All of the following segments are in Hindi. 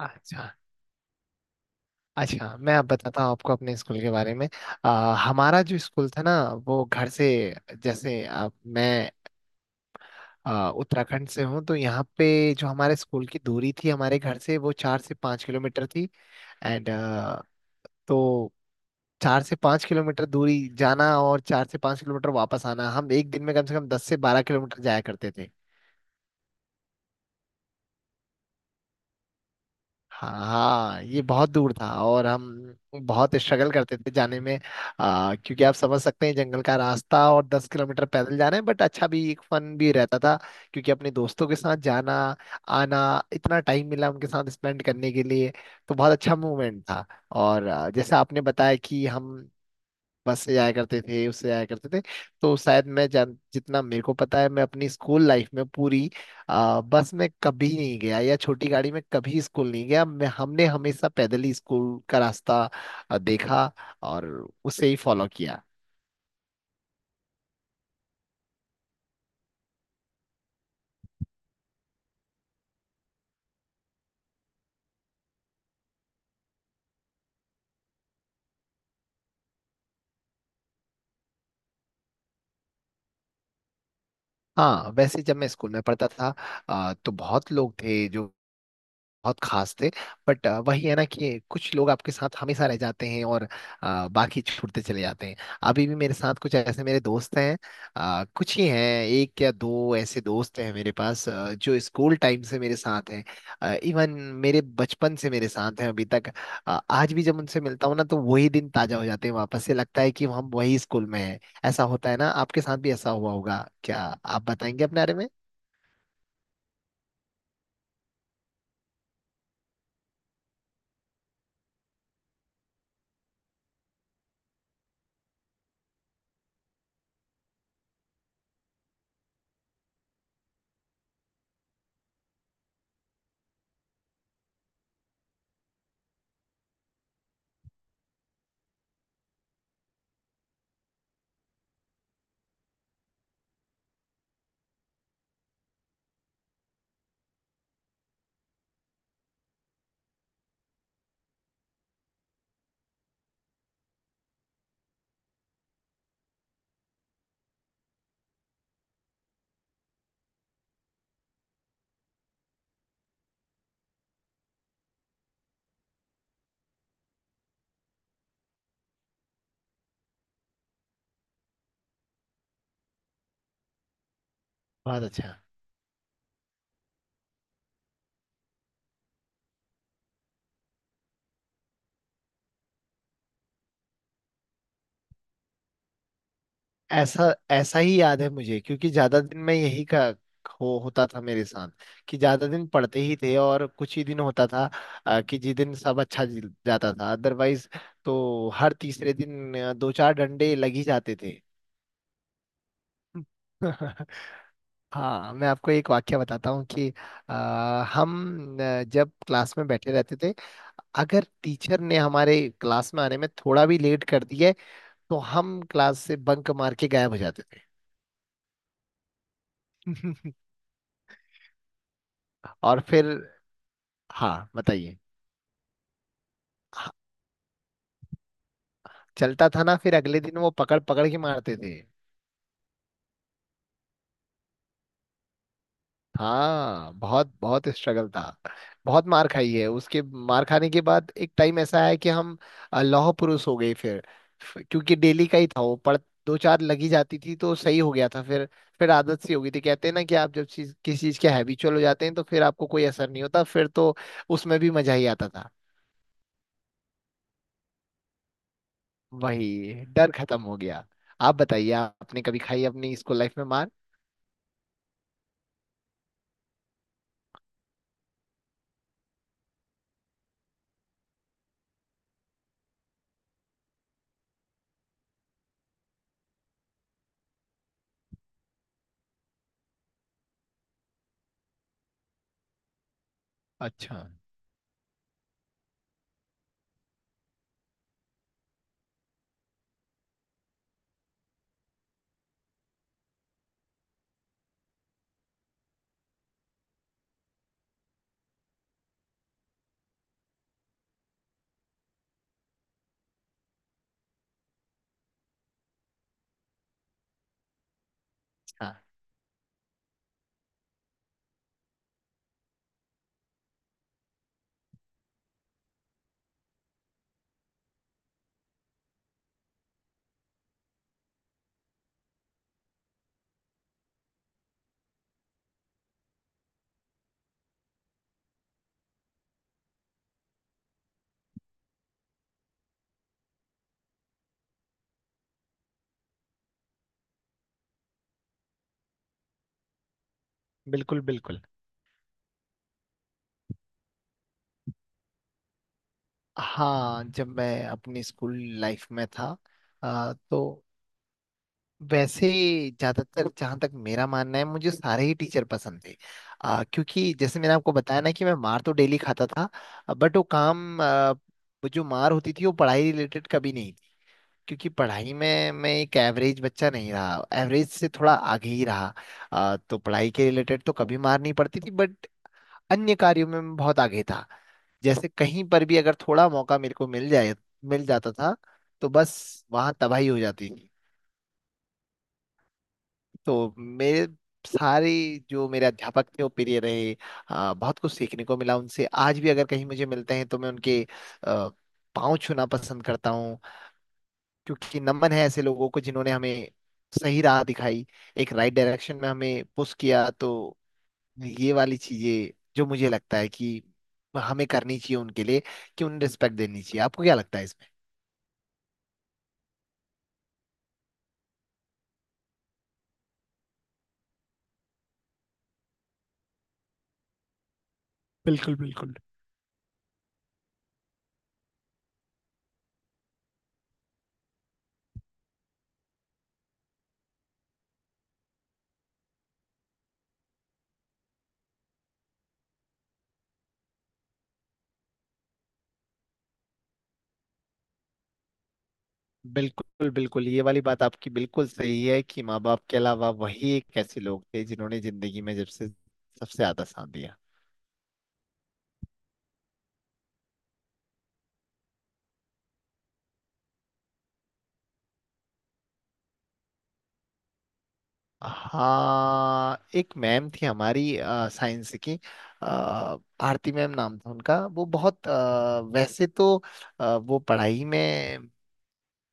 अच्छा, अच्छा, मैं अब बताता हूँ आपको अपने स्कूल के बारे में। हमारा जो स्कूल था ना वो घर से जैसे मैं उत्तराखंड से हूँ तो यहाँ पे जो हमारे स्कूल की दूरी थी हमारे घर से वो 4 से 5 किलोमीटर थी। एंड, तो 4 से 5 किलोमीटर दूरी जाना और 4 से 5 किलोमीटर वापस आना, हम एक दिन में कम से कम 10 से 12 किलोमीटर जाया करते। हाँ, ये बहुत दूर था और हम बहुत स्ट्रगल करते थे जाने में। क्योंकि आप समझ सकते हैं, जंगल का रास्ता और 10 किलोमीटर पैदल जाना है, बट अच्छा भी, एक फन भी रहता था क्योंकि अपने दोस्तों के साथ जाना आना, इतना टाइम मिला उनके साथ स्पेंड करने के लिए। तो बहुत अच्छा मोमेंट था। और जैसे आपने बताया कि हम बस से जाया करते थे उससे जाया करते थे, तो शायद मैं जान जितना मेरे को पता है, मैं अपनी स्कूल लाइफ में पूरी बस में कभी नहीं गया या छोटी गाड़ी में कभी स्कूल नहीं गया, मैं हमने हमेशा पैदल ही स्कूल का रास्ता देखा और उसे ही फॉलो किया। हाँ, वैसे जब मैं स्कूल में पढ़ता था तो बहुत लोग थे जो बहुत खास थे। बट वही है ना कि कुछ लोग आपके साथ हमेशा रह जाते हैं और बाकी छूटते चले जाते हैं। अभी भी मेरे साथ कुछ ऐसे मेरे दोस्त हैं, कुछ ही हैं। एक या दो ऐसे दोस्त हैं मेरे पास जो स्कूल टाइम से मेरे साथ हैं, इवन मेरे बचपन से मेरे साथ हैं अभी तक। आज भी जब उनसे मिलता हूँ ना तो वही दिन ताजा हो जाते हैं, वापस से लगता है कि हम वही स्कूल में हैं। ऐसा होता है ना? आपके साथ भी ऐसा हुआ होगा क्या? आप बताएंगे अपने बारे में? बहुत अच्छा। ऐसा ऐसा ही याद है मुझे, क्योंकि ज्यादा दिन में यही का हो होता था मेरे साथ, कि ज्यादा दिन पढ़ते ही थे और कुछ ही दिन होता था कि जिस दिन सब अच्छा जाता था, अदरवाइज तो हर तीसरे दिन दो चार डंडे लग ही जाते थे। हाँ, मैं आपको एक वाक्य बताता हूँ कि अ, हम जब क्लास में बैठे रहते थे, अगर टीचर ने हमारे क्लास में आने में थोड़ा भी लेट कर दिया है, तो हम क्लास से बंक मार के गायब हो जाते थे। और फिर, हाँ, बताइए। हाँ, चलता था ना, फिर अगले दिन वो पकड़ पकड़ के मारते थे। हाँ, बहुत बहुत स्ट्रगल था। बहुत मार खाई है। उसके मार खाने के बाद एक टाइम ऐसा है कि हम लौह पुरुष हो गए फिर। क्योंकि डेली का ही था वो, पर दो चार लगी जाती थी तो सही हो गया था फिर। फिर आदत सी हो गई थी, कहते हैं ना कि आप जब चीज किसी चीज के हैबिचुअल हो जाते हैं तो फिर आपको कोई असर नहीं होता, फिर तो उसमें भी मजा ही आता था। वही डर खत्म हो गया। आप बताइए, आपने कभी खाई अपनी स्कूल लाइफ में मार? अच्छा। हाँ, बिल्कुल बिल्कुल। हाँ, जब मैं अपनी स्कूल लाइफ में था तो वैसे, ज्यादातर जहाँ तक मेरा मानना है, मुझे सारे ही टीचर पसंद थे। क्योंकि जैसे मैंने आपको बताया ना कि मैं मार तो डेली खाता था, बट वो जो मार होती थी वो पढ़ाई रिलेटेड कभी नहीं थी, क्योंकि पढ़ाई में मैं एक एवरेज बच्चा नहीं रहा, एवरेज से थोड़ा आगे ही रहा। तो पढ़ाई के रिलेटेड तो कभी मार नहीं पड़ती थी, बट अन्य कार्यों में मैं बहुत आगे था। जैसे कहीं पर भी अगर थोड़ा मौका मेरे को मिल जाए, मिल जाता था, तो बस वहां तबाही हो जाती थी। तो मेरे सारे जो मेरे अध्यापक थे वो प्रिय रहे। बहुत कुछ सीखने को मिला उनसे, आज भी अगर कहीं मुझे मिलते हैं तो मैं उनके आ, पाँव छूना पसंद करता हूँ, क्योंकि नमन है ऐसे लोगों को जिन्होंने हमें सही राह दिखाई, एक राइट डायरेक्शन में हमें पुश किया। तो ये वाली चीजें जो मुझे लगता है कि हमें करनी चाहिए उन्हें के लिए, कि उन्हें रिस्पेक्ट देनी चाहिए। आपको क्या लगता है इस? बिल्कुल, बिल्कुल। बिल्कुल बिल्कुल, ये वाली बात आपकी बिल्कुल सही है कि माँ बाप के अलावा वही एक ऐसे लोग थे जिन्होंने जिंदगी में जब से सबसे ज्यादा साथ दिया। हाँ, एक मैम थी हमारी, साइंस की। अ, भारती मैम नाम था उनका। वो बहुत वैसे तो वो पढ़ाई में,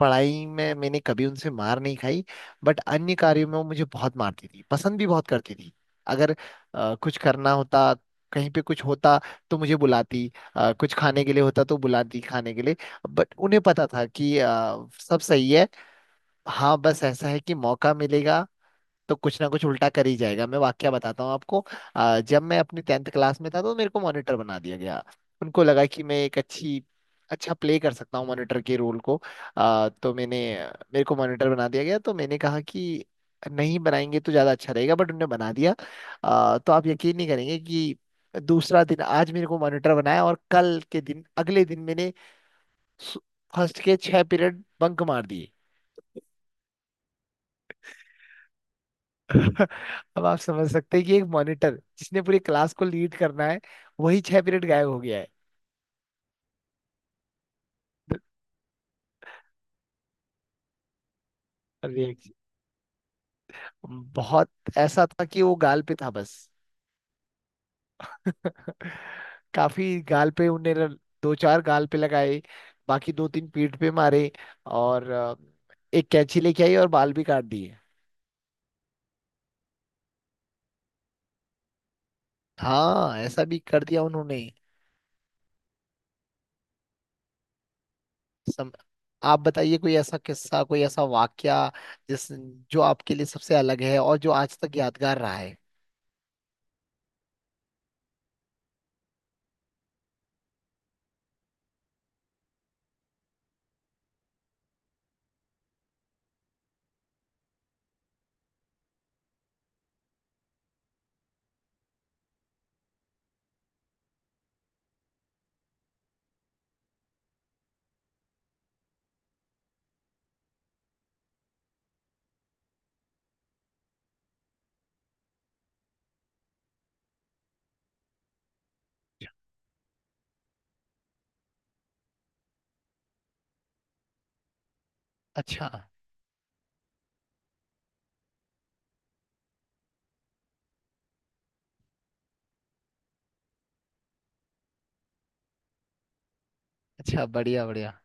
मैंने कभी उनसे मार नहीं खाई, बट अन्य कार्यों में वो मुझे बहुत मारती थी, पसंद भी बहुत करती थी। अगर कुछ करना होता, कहीं पे कुछ होता, तो मुझे बुलाती। कुछ खाने के लिए होता तो बुलाती खाने के लिए। बट उन्हें पता था कि सब सही है। हाँ, बस ऐसा है कि मौका मिलेगा तो कुछ ना कुछ उल्टा कर ही जाएगा। मैं वाकया बताता हूँ आपको। जब मैं अपनी टेंथ क्लास में था तो मेरे को मॉनिटर बना दिया गया। उनको लगा कि मैं एक अच्छी अच्छा प्ले कर सकता हूँ मॉनिटर के रोल को। तो मैंने, मेरे को मॉनिटर बना दिया गया, तो मैंने कहा कि नहीं बनाएंगे तो ज़्यादा अच्छा रहेगा, बट उन्होंने बना दिया। तो आप यकीन नहीं करेंगे कि दूसरा दिन, आज मेरे को मॉनिटर बनाया और कल के दिन अगले दिन मैंने फर्स्ट के 6 पीरियड बंक मार दिए। अब आप समझ सकते हैं कि एक मॉनिटर जिसने पूरी क्लास को लीड करना है, वही 6 पीरियड गायब हो गया है। और ये बहुत ऐसा था कि वो गाल पे था बस। काफी गाल पे उन्होंने दो चार गाल पे लगाए, बाकी दो तीन पीठ पे मारे। और एक कैंची लेके आई और बाल भी काट दिए। हाँ, ऐसा भी कर दिया उन्होंने। सम... आप बताइए, कोई ऐसा किस्सा, कोई ऐसा वाक्या जिस जो आपके लिए सबसे अलग है और जो आज तक यादगार रहा है? अच्छा। अच्छा, बढ़िया, बढ़िया।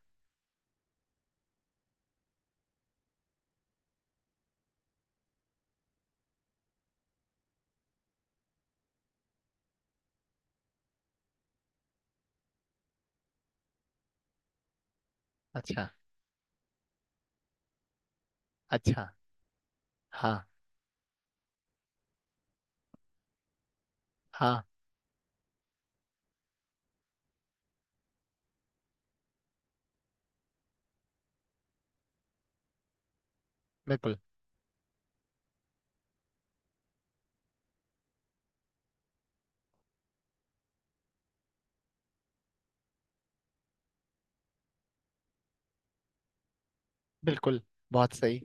अच्छा। अच्छा। हाँ, हाँ, बिल्कुल बिल्कुल। बहुत सही।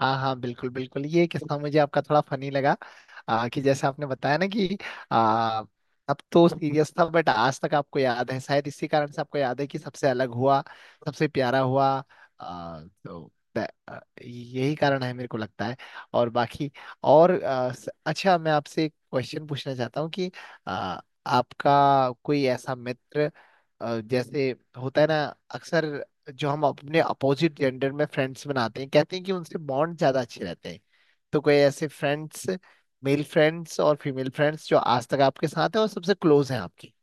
हाँ, हाँ, बिल्कुल बिल्कुल, ये किस्सा मुझे आपका थोड़ा फनी लगा, कि जैसे आपने बताया ना कि आ, अब तो सीरियस था, बट आज तक आपको याद है, शायद इसी कारण से आपको याद है कि सबसे अलग हुआ, सबसे प्यारा हुआ। तो ब- आ, यही कारण है, मेरे को लगता है, और बाकी और अच्छा, मैं आपसे एक क्वेश्चन पूछना चाहता हूँ कि आ, आपका कोई ऐसा मित्र जैसे होता है ना अक्सर, जो हम अपने अपोजिट जेंडर में फ्रेंड्स बनाते हैं, कहते हैं कि उनसे बॉन्ड ज्यादा अच्छे रहते हैं। तो कोई ऐसे फ्रेंड्स, मेल फ्रेंड्स और फीमेल फ्रेंड्स, जो आज तक आपके साथ हैं और सबसे क्लोज हैं आपकी?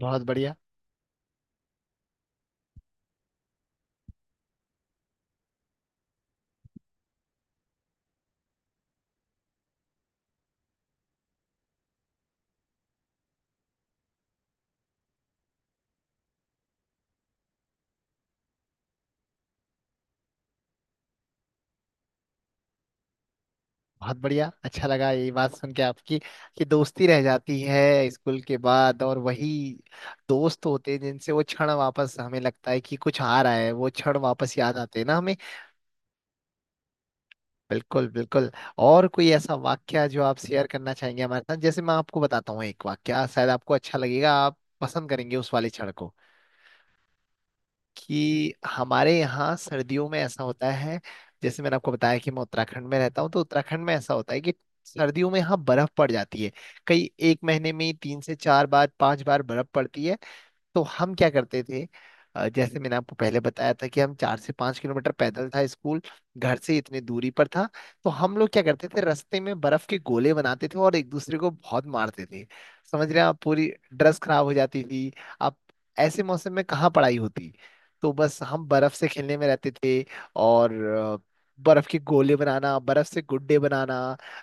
बहुत बढ़िया। बहुत बढ़िया, अच्छा लगा ये बात सुन के आपकी, कि दोस्ती रह जाती है स्कूल के बाद और वही दोस्त होते हैं जिनसे वो क्षण वापस, हमें लगता है कि कुछ आ रहा है, वो क्षण वापस याद आते हैं ना हमें। बिल्कुल। बिल्कुल और कोई ऐसा वाक्या जो आप शेयर करना चाहेंगे हमारे साथ? जैसे मैं आपको बताता हूँ एक वाक्या, शायद आपको अच्छा लगेगा, आप पसंद करेंगे उस वाली क्षण को, कि हमारे यहाँ सर्दियों में ऐसा होता है। जैसे मैंने आपको बताया कि मैं उत्तराखंड में रहता हूँ, तो उत्तराखंड में ऐसा होता है कि सर्दियों में यहाँ बर्फ पड़ जाती है। कई एक महीने में ही तीन से चार बार, पांच बार बर्फ पड़ती है। तो हम क्या करते थे? जैसे मैंने आपको पहले बताया था कि हम, 4 से 5 किलोमीटर पैदल था स्कूल, घर से इतनी दूरी पर था। तो हम लोग क्या करते थे, रास्ते में बर्फ के गोले बनाते थे और एक दूसरे को बहुत मारते थे। समझ रहे हैं आप? पूरी ड्रेस खराब हो जाती थी। आप ऐसे मौसम में कहाँ पढ़ाई होती? तो बस हम बर्फ से खेलने में रहते थे। और बर्फ के गोले बनाना, बर्फ से गुड्डे बनाना,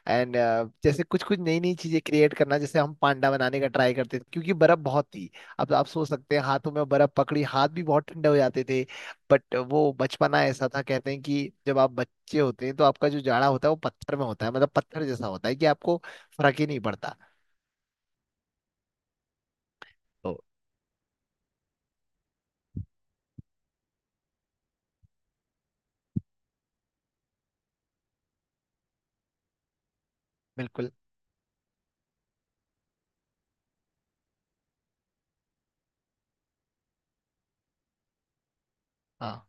एंड जैसे कुछ कुछ नई नई चीजें क्रिएट करना, जैसे हम पांडा बनाने का ट्राई करते थे क्योंकि बर्फ बहुत थी। अब आप सोच सकते हैं, हाथों में बर्फ पकड़ी, हाथ भी बहुत ठंडे हो जाते थे, बट वो बचपना ऐसा था, कहते हैं कि जब आप बच्चे होते हैं तो आपका जो जाड़ा होता है वो पत्थर में होता है, मतलब पत्थर जैसा होता है कि आपको फर्क ही नहीं पड़ता, तो बिल्कुल। हाँ।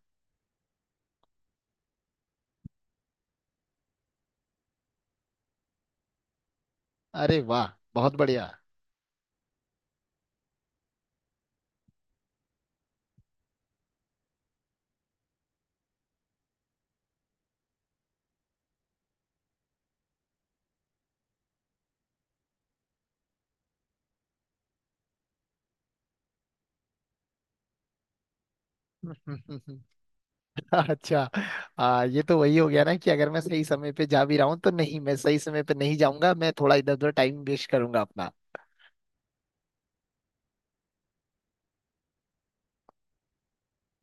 अरे वाह, बहुत बढ़िया। अच्छा। ये तो वही हो गया ना कि अगर मैं सही समय पे जा भी रहा हूँ तो नहीं, मैं सही समय पे नहीं जाऊंगा, मैं थोड़ा इधर उधर टाइम वेस्ट करूंगा अपना।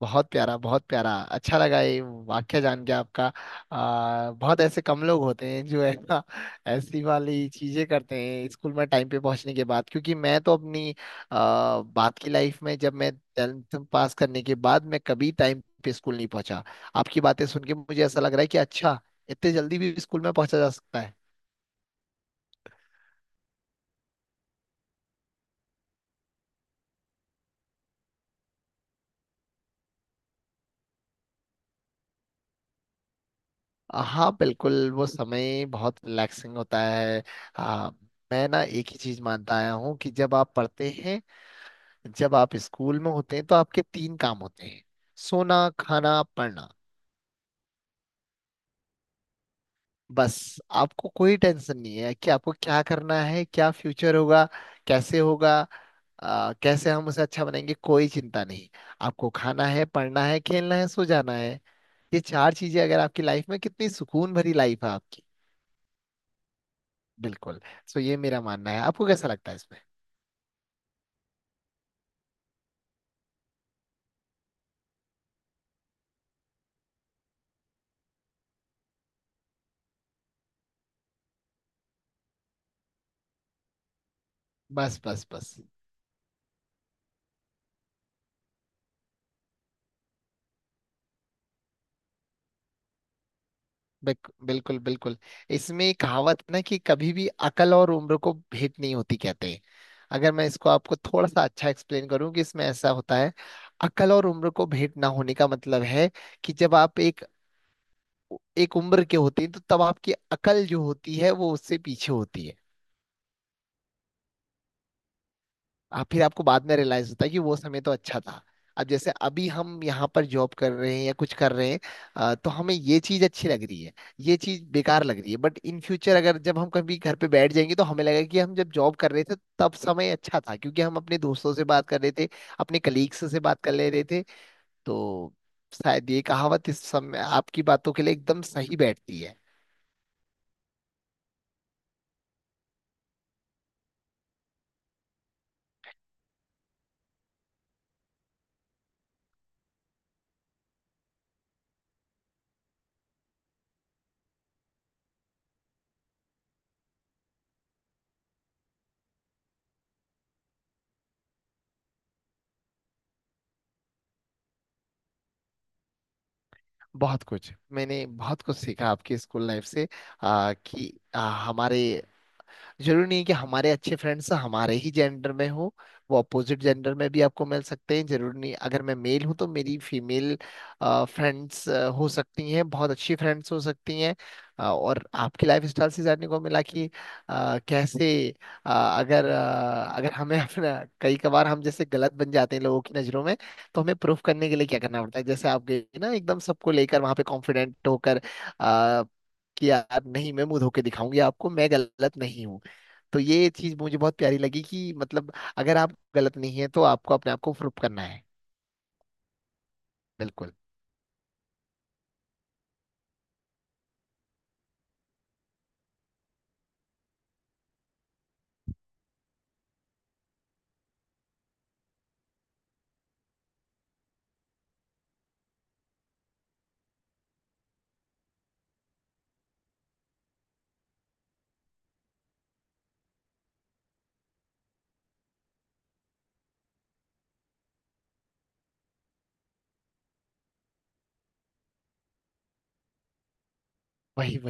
बहुत प्यारा, बहुत प्यारा, अच्छा लगा ये वाक्य जान के आपका। बहुत ऐसे कम लोग होते हैं जो है ना, ऐसी वाली चीजें करते हैं स्कूल में टाइम पे पहुंचने के बाद, क्योंकि मैं तो अपनी बात की लाइफ में, जब मैं टेंथ पास करने के बाद मैं कभी टाइम पे स्कूल नहीं पहुंचा। आपकी बातें सुन के मुझे ऐसा लग रहा है कि अच्छा, इतने जल्दी भी स्कूल में पहुंचा जा सकता है। हाँ बिल्कुल, वो समय बहुत रिलैक्सिंग होता है। आ, मैं ना एक ही चीज मानता आया हूँ कि जब आप पढ़ते हैं, जब आप स्कूल में होते हैं, तो आपके तीन काम होते हैं, सोना, खाना, पढ़ना, बस। आपको कोई टेंशन नहीं है कि आपको क्या करना है, क्या फ्यूचर होगा, कैसे होगा। कैसे हम उसे अच्छा बनाएंगे, कोई चिंता नहीं। आपको खाना है, पढ़ना है, खेलना है, सो जाना है। ये चार चीजें अगर आपकी लाइफ में, कितनी सुकून भरी लाइफ है आपकी। बिल्कुल। सो ये मेरा मानना है, आपको कैसा लगता है इसमें? बस, बस, बस। बिल्कुल बिल्कुल। इसमें एक कहावत है ना कि कभी भी अकल और उम्र को भेंट नहीं होती, कहते हैं। अगर मैं इसको आपको थोड़ा सा अच्छा एक्सप्लेन करूं, कि इसमें ऐसा होता है, अकल और उम्र को भेंट ना होने का मतलब है कि जब आप एक एक उम्र के होते हैं तो तब आपकी अकल जो होती है वो उससे पीछे होती है। आप फिर आपको बाद में रियलाइज होता है कि वो समय तो अच्छा था। अब जैसे अभी हम यहाँ पर जॉब कर रहे हैं या कुछ कर रहे हैं, तो हमें ये चीज अच्छी लग रही है, ये चीज बेकार लग रही है, बट इन फ्यूचर अगर जब हम कभी घर पे बैठ जाएंगे तो हमें लगेगा कि हम जब जॉब कर रहे थे तब समय अच्छा था, क्योंकि हम अपने दोस्तों से बात कर रहे थे, अपने कलीग्स से बात कर ले रहे थे। तो शायद ये कहावत इस समय आपकी बातों के लिए एकदम सही बैठती है। बहुत कुछ, मैंने बहुत कुछ सीखा आपकी स्कूल लाइफ से। कि हमारे, जरूरी नहीं है कि हमारे अच्छे फ्रेंड्स हमारे ही जेंडर में हो, वो अपोजिट जेंडर में भी आपको मिल सकते हैं, जरूरी नहीं, अगर मैं मेल हूं तो मेरी फीमेल फ्रेंड्स हो सकती हैं, बहुत अच्छी फ्रेंड्स हो सकती हैं। और आपकी लाइफ स्टाइल से जानने को मिला कि कैसे अगर हमें अपना, कई कबार हम जैसे गलत बन जाते हैं लोगों की नजरों में, तो हमें प्रूफ करने के लिए क्या करना पड़ता है, जैसे आप गए ना एकदम सबको लेकर वहां पे कॉन्फिडेंट होकर, अ, कि यार नहीं, मैं मुंह धो के दिखाऊंगी आपको, मैं गलत नहीं हूँ। तो ये चीज मुझे बहुत प्यारी लगी कि मतलब, अगर आप गलत नहीं है तो आपको अपने आप को प्रूफ करना है। बिल्कुल वही।